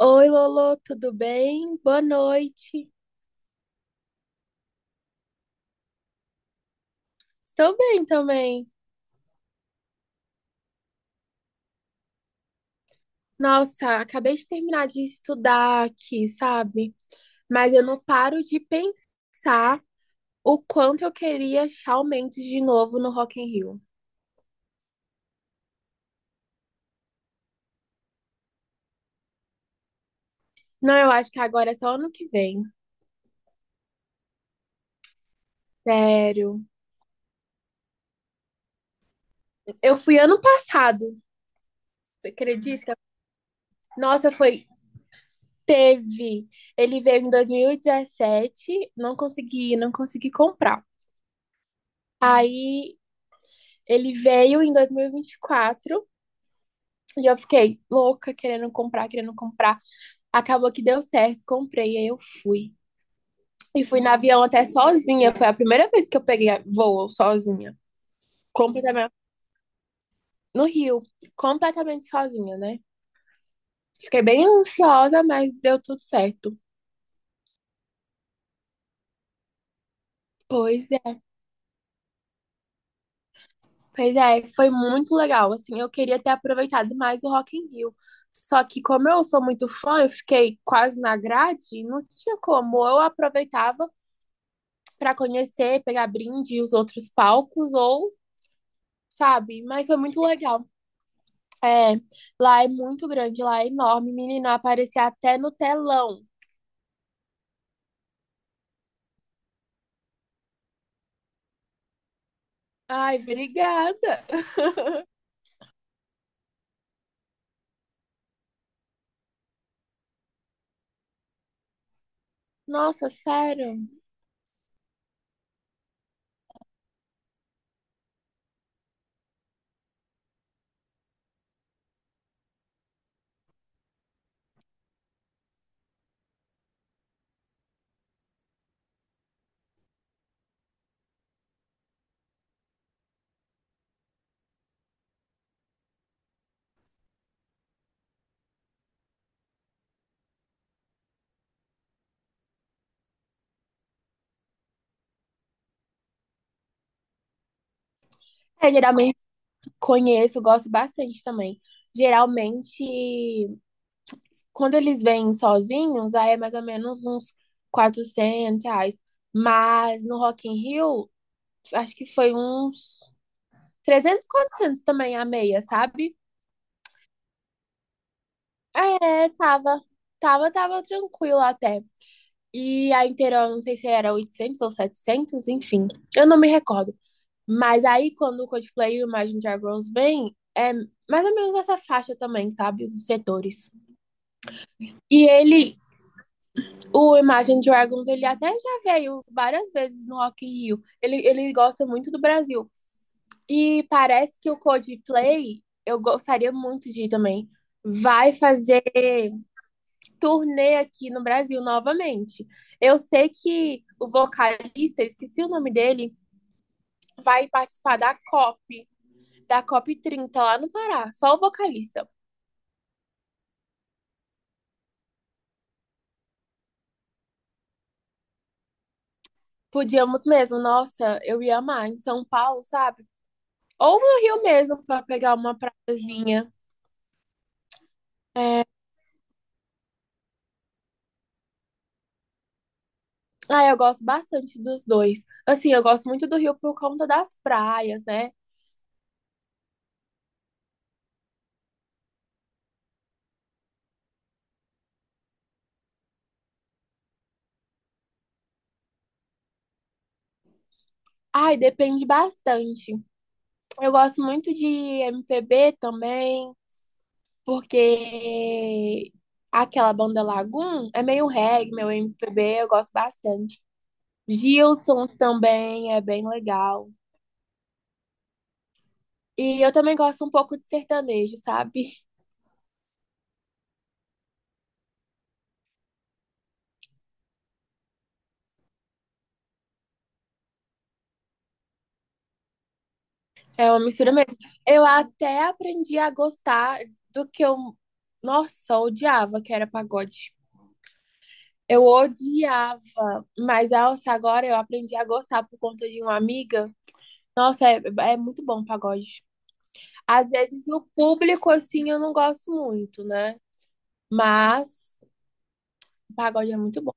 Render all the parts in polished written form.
Oi, Lolo, tudo bem? Boa noite. Estou bem também. Nossa, acabei de terminar de estudar aqui, sabe? Mas eu não paro de pensar o quanto eu queria Shawn Mendes de novo no Rock in Rio. Não, eu acho que agora é só ano que vem. Sério. Eu fui ano passado, você acredita? Nossa, foi. Teve. Ele veio em 2017, não consegui, não consegui comprar. Aí ele veio em dois mil e vinte e quatro. E eu fiquei louca, querendo comprar, querendo comprar. Acabou que deu certo, comprei, aí eu fui. E fui no avião até sozinha. Foi a primeira vez que eu peguei voo sozinha. Completamente no Rio, completamente sozinha, né? Fiquei bem ansiosa, mas deu tudo certo. Pois é, pois é, foi muito legal. Assim, eu queria ter aproveitado mais o Rock in Rio. Só que como eu sou muito fã, eu fiquei quase na grade, não tinha como. Ou eu aproveitava para conhecer, pegar brinde e os outros palcos, ou, sabe? Mas foi muito legal. É, lá é muito grande, lá é enorme. Menina, aparecia até no telão. Ai, obrigada. Nossa, sério. É, geralmente conheço, gosto bastante também. Geralmente, quando eles vêm sozinhos, aí é mais ou menos uns 400 reais. Mas no Rock in Rio, acho que foi uns 300, 400 também a meia, sabe? É, tava, tava, tava tranquilo até. E a inteira, eu não sei se era 800 ou 700, enfim, eu não me recordo. Mas aí, quando o Coldplay e o Imagine Dragons vem, é mais ou menos essa faixa também, sabe? Os setores. E ele, o Imagine Dragons, ele até já veio várias vezes no Rock in Rio. Ele gosta muito do Brasil. E parece que o Coldplay, eu gostaria muito de ir também, vai fazer turnê aqui no Brasil novamente. Eu sei que o vocalista, esqueci o nome dele, vai participar da COP 30 lá no Pará, só o vocalista. Podíamos mesmo, nossa, eu ia amar em São Paulo, sabe? Ou no Rio mesmo, para pegar uma praiazinha. É... Ah, eu gosto bastante dos dois. Assim, eu gosto muito do Rio por conta das praias, né? Ai, depende bastante. Eu gosto muito de MPB também. Porque aquela banda Lagoon é meio reggae, meu MPB, eu gosto bastante. Gilsons também é bem legal. E eu também gosto um pouco de sertanejo, sabe? É uma mistura mesmo. Eu até aprendi a gostar do que eu, nossa, eu odiava, que era pagode. Eu odiava, mas nossa, agora eu aprendi a gostar por conta de uma amiga. Nossa, é muito bom o pagode. Às vezes o público, assim, eu não gosto muito, né? Mas o pagode é muito bom.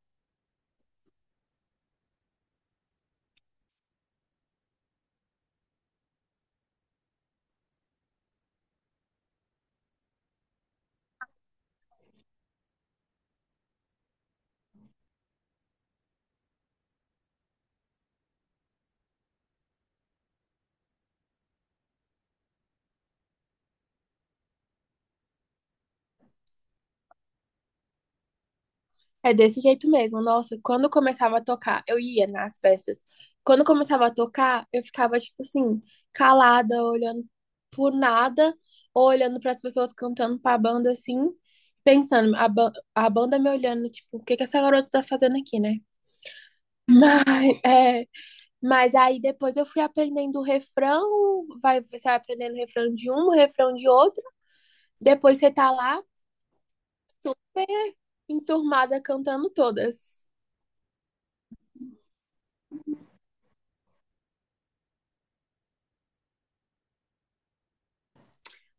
É desse jeito mesmo. Nossa, quando começava a tocar, eu ia nas festas. Quando começava a tocar, eu ficava, tipo assim, calada, olhando por nada, ou olhando para as pessoas cantando pra banda assim, pensando, a banda me olhando, tipo, o que que essa garota tá fazendo aqui, né? Mas, é, mas aí depois eu fui aprendendo o refrão, vai, você vai aprendendo o refrão de um, o refrão de outro. Depois você tá lá bem enturmada cantando todas.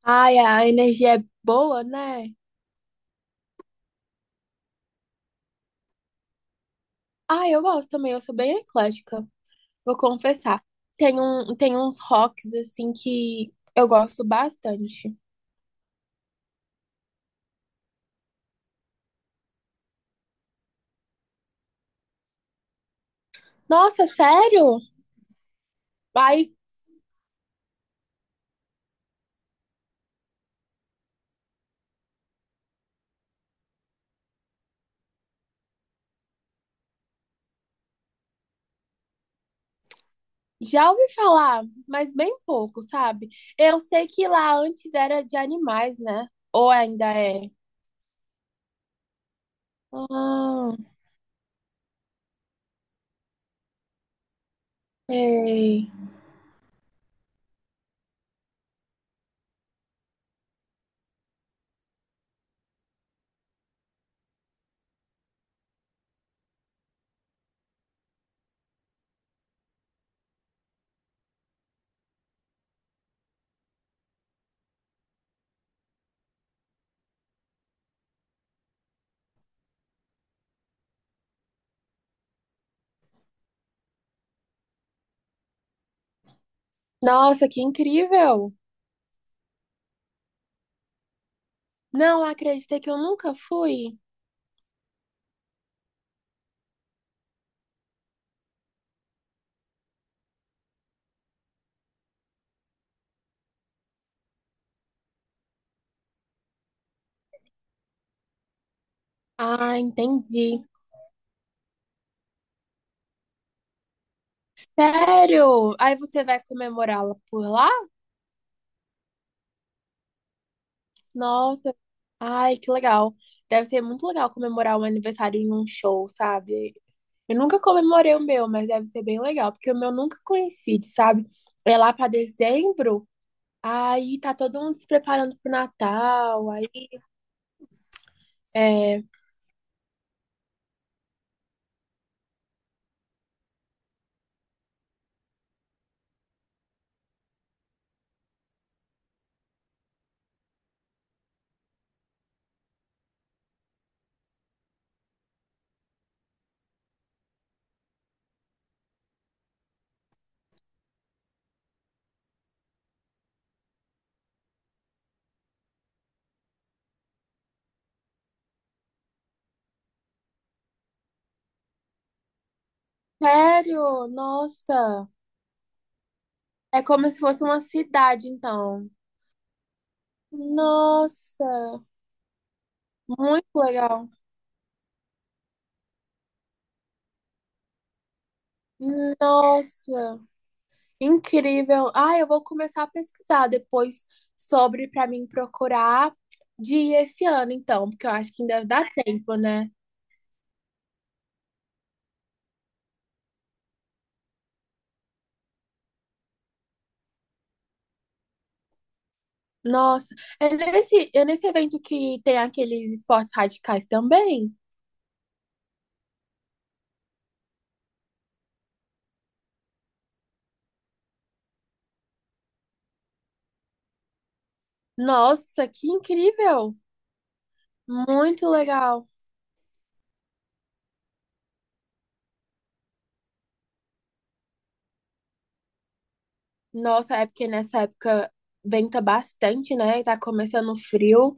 Ai, a energia é boa, né? Ai, eu gosto também, eu sou bem eclética, vou confessar. Tem um, tem uns rocks assim que eu gosto bastante. Nossa, sério? Ai, já ouvi falar, mas bem pouco, sabe? Eu sei que lá antes era de animais, né? Ou ainda é? Ah, sei. Nossa, que incrível! Não acredita que eu nunca fui? Ah, entendi. Sério? Aí você vai comemorá-la por lá? Nossa, ai, que legal. Deve ser muito legal comemorar um aniversário em um show, sabe? Eu nunca comemorei o meu, mas deve ser bem legal, porque o meu nunca coincide, sabe? É lá pra dezembro, aí tá todo mundo se preparando pro Natal, aí é... Sério? Nossa, é como se fosse uma cidade, então. Nossa, muito legal. Nossa. Incrível. Ah, eu vou começar a pesquisar depois sobre para mim procurar de ir esse ano, então, porque eu acho que ainda dá tempo, né? Nossa, é nesse evento que tem aqueles esportes radicais também? Nossa, que incrível! Muito legal. Nossa, é porque nessa época venta bastante, né? E tá começando o frio.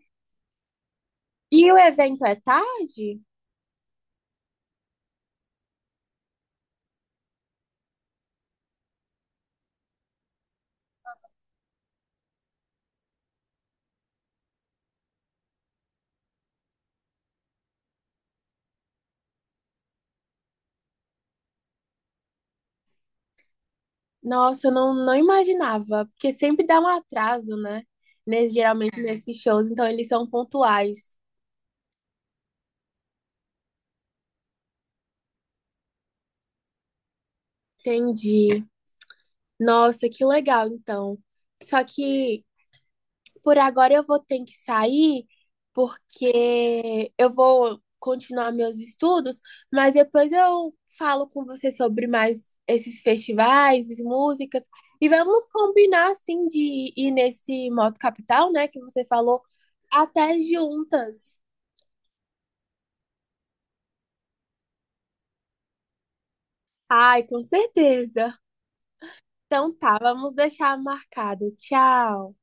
E o evento é tarde? Nossa, eu não imaginava, porque sempre dá um atraso, né? Nes- geralmente nesses shows, então eles são pontuais. Entendi. Nossa, que legal, então. Só que por agora eu vou ter que sair, porque eu vou continuar meus estudos, mas depois eu falo com você sobre mais esses festivais, as músicas, e vamos combinar, assim, de ir nesse Moto Capital, né, que você falou, até juntas. Ai, com certeza. Então tá, vamos deixar marcado. Tchau.